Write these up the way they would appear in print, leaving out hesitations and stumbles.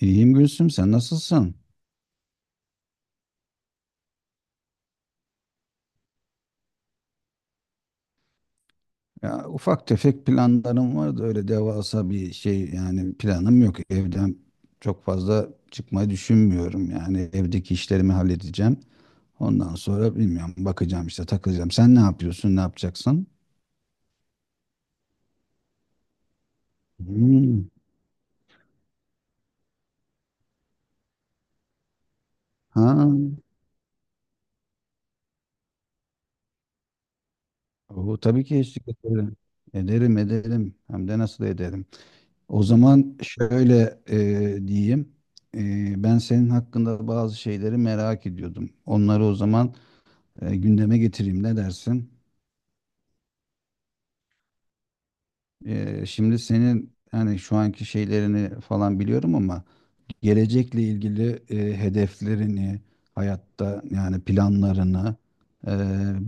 İyiyim Gülsüm, sen nasılsın? Ya ufak tefek planlarım var da öyle devasa bir şey yani planım yok. Evden çok fazla çıkmayı düşünmüyorum. Yani evdeki işlerimi halledeceğim. Ondan sonra bilmiyorum bakacağım işte takılacağım. Sen ne yapıyorsun, ne yapacaksın? Hmm. Ha, o, tabii ki eşlik ederim. Ederim, ederim. Hem de nasıl ederim. O zaman şöyle diyeyim. Ben senin hakkında bazı şeyleri merak ediyordum. Onları o zaman gündeme getireyim. Ne dersin? Şimdi senin hani şu anki şeylerini falan biliyorum ama gelecekle ilgili hedeflerini, hayatta yani planlarını e,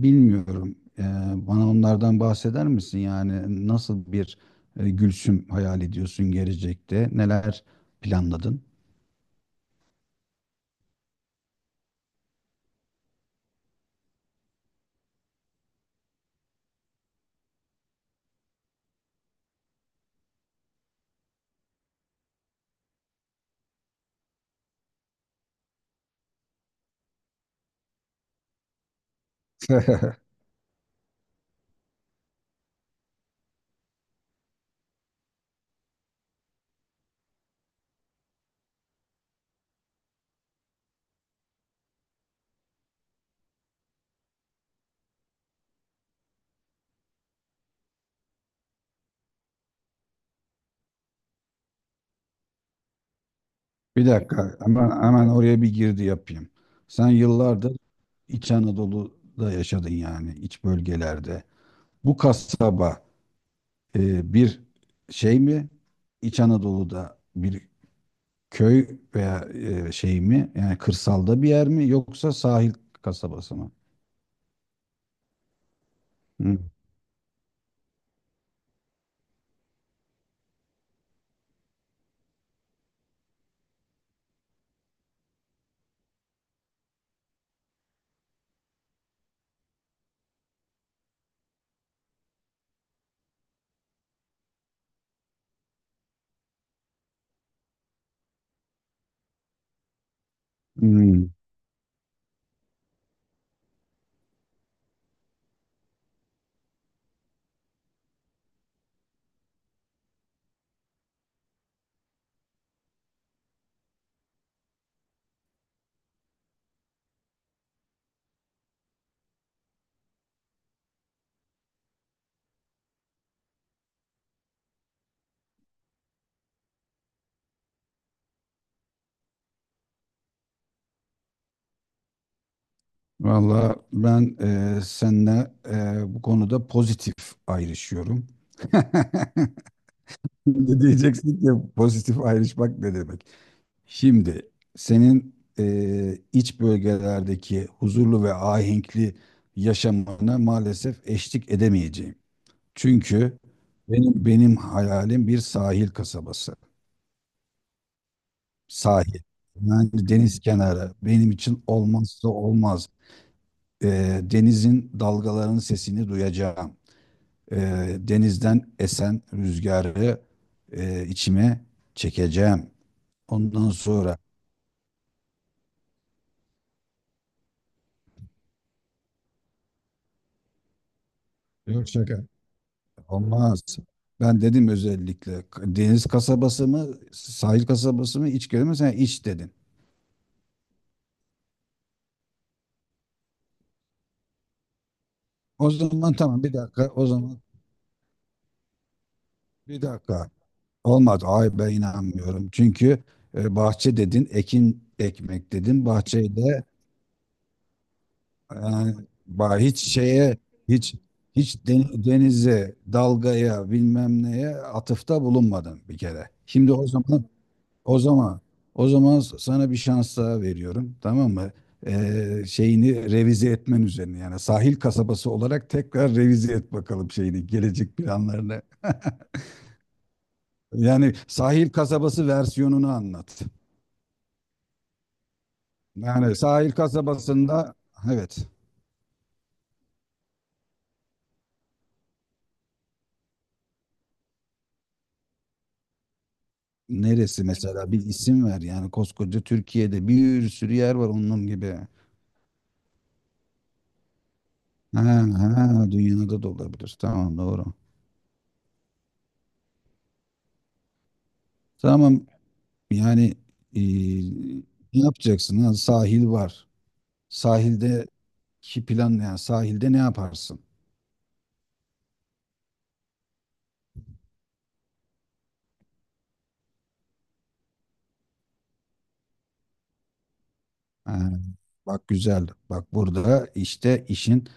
bilmiyorum. Bana onlardan bahseder misin? Yani nasıl bir Gülsüm hayal ediyorsun gelecekte? Neler planladın? Bir dakika, hemen oraya bir girdi yapayım. Sen yıllardır İç Anadolu'da yaşadın yani iç bölgelerde. Bu kasaba bir şey mi? İç Anadolu'da bir köy veya şey mi? Yani kırsalda bir yer mi? Yoksa sahil kasabası mı? Hı. Hmm. Valla ben seninle bu konuda pozitif ayrışıyorum. Şimdi diyeceksin ki pozitif ayrışmak ne demek? Şimdi senin iç bölgelerdeki huzurlu ve ahenkli yaşamına maalesef eşlik edemeyeceğim. Çünkü benim hayalim bir sahil kasabası. Sahil. Yani deniz kenarı. Benim için olmazsa olmaz. Denizin dalgalarının sesini duyacağım. Denizden esen rüzgarı içime çekeceğim. Ondan sonra yok şaka. Olmaz. Ben dedim özellikle deniz kasabası mı, sahil kasabası mı, iç köy mü? Sen iç dedin. O zaman tamam bir dakika, o zaman bir dakika. Olmadı. Ay ben inanmıyorum. Çünkü bahçe dedin, ekin ekmek dedin. Bahçeyle e, hiç şeye, hiç hiç denize, dalgaya, bilmem neye atıfta bulunmadın bir kere. Şimdi o zaman O zaman o zaman sana bir şans daha veriyorum. Tamam mı? Şeyini revize etmen üzerine yani sahil kasabası olarak tekrar revize et bakalım şeyini gelecek planlarını. Yani sahil kasabası versiyonunu anlat. Yani sahil kasabasında, evet, neresi mesela bir isim ver yani koskoca Türkiye'de bir sürü yer var onun gibi. Ha, ha, dünyada da olabilir. Tamam doğru. Tamam. Yani e, ne yapacaksın? Ha, sahil var. Sahildeki plan ne? Yani sahilde ne yaparsın? Ha, bak güzel. Bak burada işte işin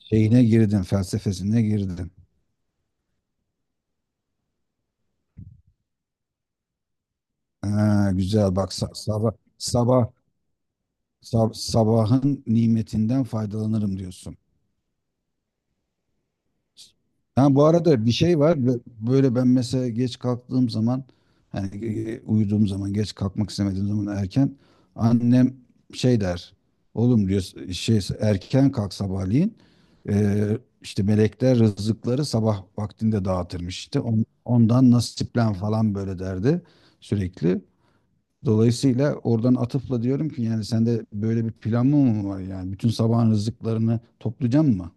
şeyine girdin, felsefesine girdin. Ha, güzel. Bak sabah sabah sabahın nimetinden faydalanırım diyorsun. Ha, bu arada bir şey var. Böyle ben mesela geç kalktığım zaman yani uyuduğum zaman geç kalkmak istemediğim zaman erken annem şey der. Oğlum diyor şey erken kalk sabahleyin. E, işte melekler rızıkları sabah vaktinde dağıtırmış işte. Ondan nasiplen falan böyle derdi sürekli. Dolayısıyla oradan atıfla diyorum ki yani sende böyle bir plan mı var yani bütün sabahın rızıklarını toplayacağım mı?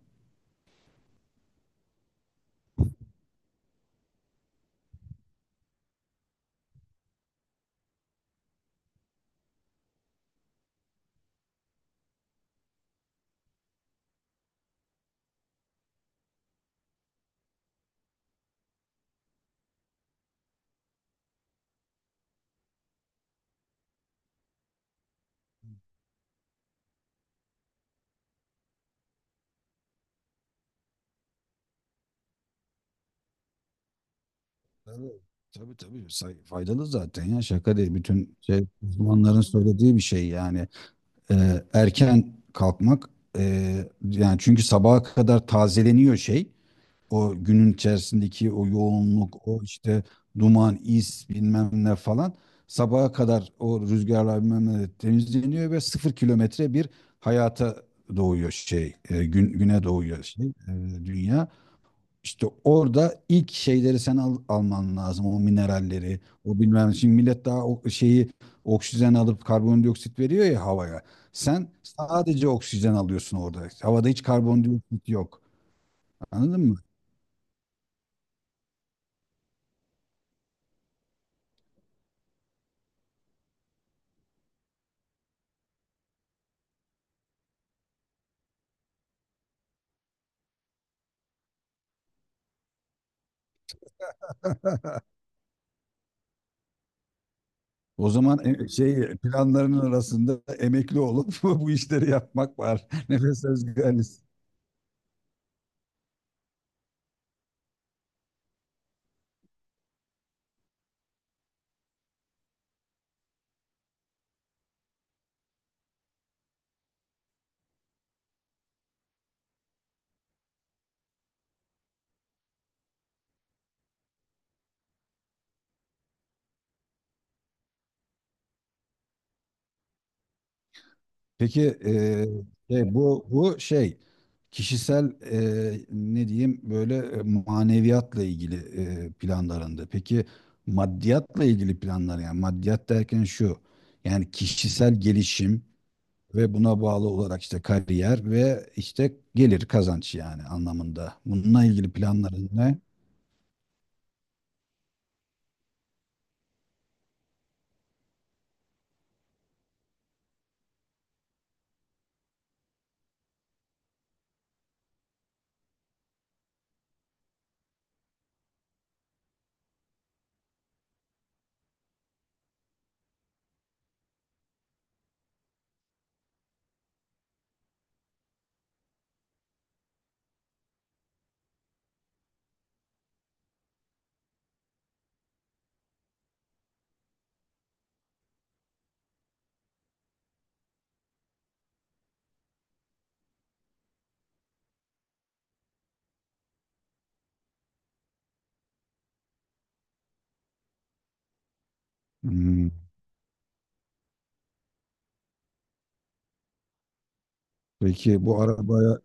Tabii tabii. Tabii. Faydalı zaten ya şaka değil. Bütün şey, uzmanların söylediği bir şey yani. Erken kalkmak e, yani çünkü sabaha kadar tazeleniyor şey. O günün içerisindeki o yoğunluk, o işte duman, is bilmem ne falan sabaha kadar o rüzgarlar bilmem ne temizleniyor ve 0 kilometre bir hayata doğuyor şey, güne doğuyor şey, dünya. İşte orada ilk şeyleri sen alman lazım, o mineralleri, o bilmem. Şimdi millet daha o şeyi oksijen alıp karbondioksit veriyor ya havaya. Sen sadece oksijen alıyorsun orada. Havada hiç karbondioksit yok. Anladın mı? O zaman şey planlarının arasında emekli olup bu işleri yapmak var. Nefes özgürlüğü. Peki şey, bu şey kişisel ne diyeyim böyle maneviyatla ilgili planlarında. Peki maddiyatla ilgili planlar yani maddiyat derken şu yani kişisel gelişim ve buna bağlı olarak işte kariyer ve işte gelir kazanç yani anlamında. Bununla ilgili planların ne? Hmm. Peki,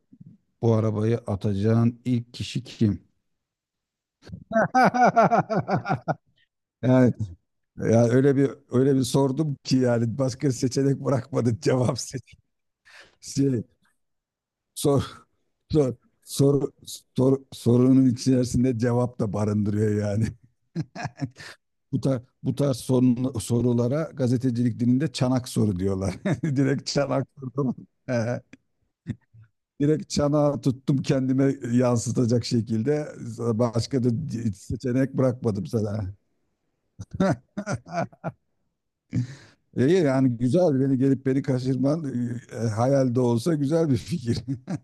bu arabayı atacağın ilk kişi kim? Yani, yani, öyle bir sordum ki yani başka seçenek bırakmadı cevap seç şey, sor sor soru sorunun içerisinde cevap da barındırıyor yani. Bu tarz, sorulara gazetecilik dilinde çanak soru diyorlar. Direkt çanak sordum. Ee, Direkt çanağı tuttum kendime yansıtacak şekilde. Başka da seçenek bırakmadım sana. İyi yani güzel beni gelip beni kaçırman hayalde olsa güzel bir fikir.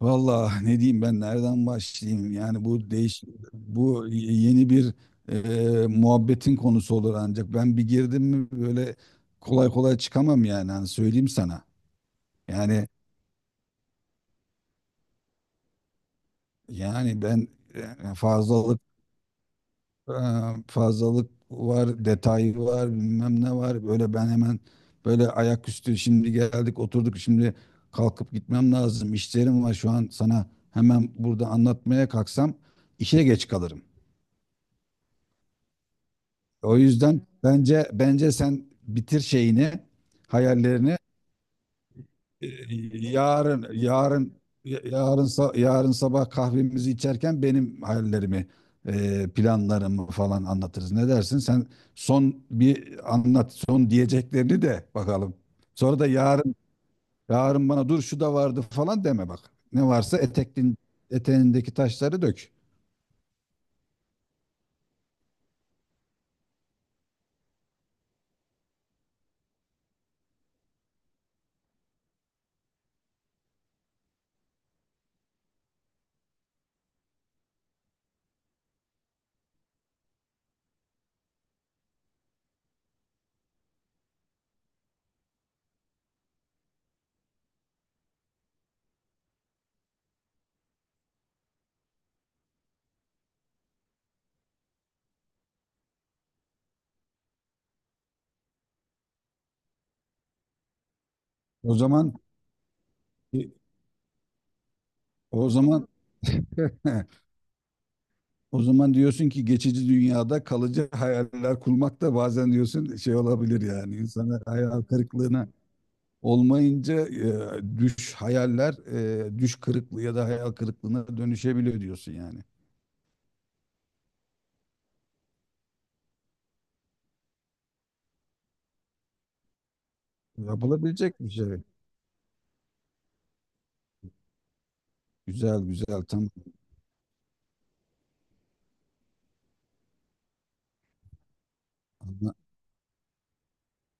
Valla ne diyeyim ben nereden başlayayım? Yani bu yeni bir muhabbetin konusu olur ancak ben bir girdim mi böyle kolay kolay çıkamam yani hani söyleyeyim sana. Yani yani, ben e, fazlalık e, fazlalık var, detay var, bilmem ne var. Böyle ben hemen böyle ayaküstü şimdi geldik oturduk şimdi kalkıp gitmem lazım. İşlerim var şu an sana hemen burada anlatmaya kalksam işe geç kalırım. O yüzden bence sen bitir şeyini, hayallerini. Ee, Yarın, yarın, Yarın sabah kahvemizi içerken benim hayallerimi, planlarımı falan anlatırız. Ne dersin? Sen son bir anlat, son diyeceklerini de bakalım. Sonra da yarın bana dur şu da vardı falan deme bak. Ne varsa eteğindeki taşları dök. O zaman, e, o zaman, O zaman diyorsun ki geçici dünyada kalıcı hayaller kurmak da bazen diyorsun şey olabilir yani insana hayal kırıklığına olmayınca e, düş hayaller düş kırıklığı ya da hayal kırıklığına dönüşebiliyor diyorsun yani. Yapılabilecek bir şey. Güzel güzel tamam.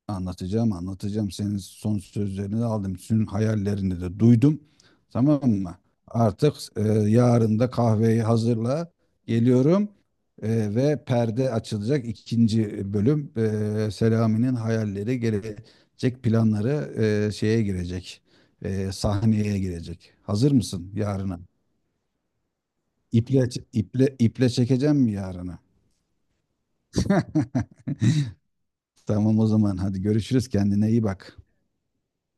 Anlatacağım, anlatacağım. Senin son sözlerini de aldım. Senin hayallerini de duydum. Tamam mı? Artık yarın da kahveyi hazırla. Geliyorum. Ve perde açılacak ikinci bölüm. Selami'nin hayalleri, gelecek planları şeye girecek. Sahneye girecek. Hazır mısın yarına? İple, iple, iple çekeceğim mi yarına? Tamam o zaman hadi görüşürüz. Kendine iyi bak.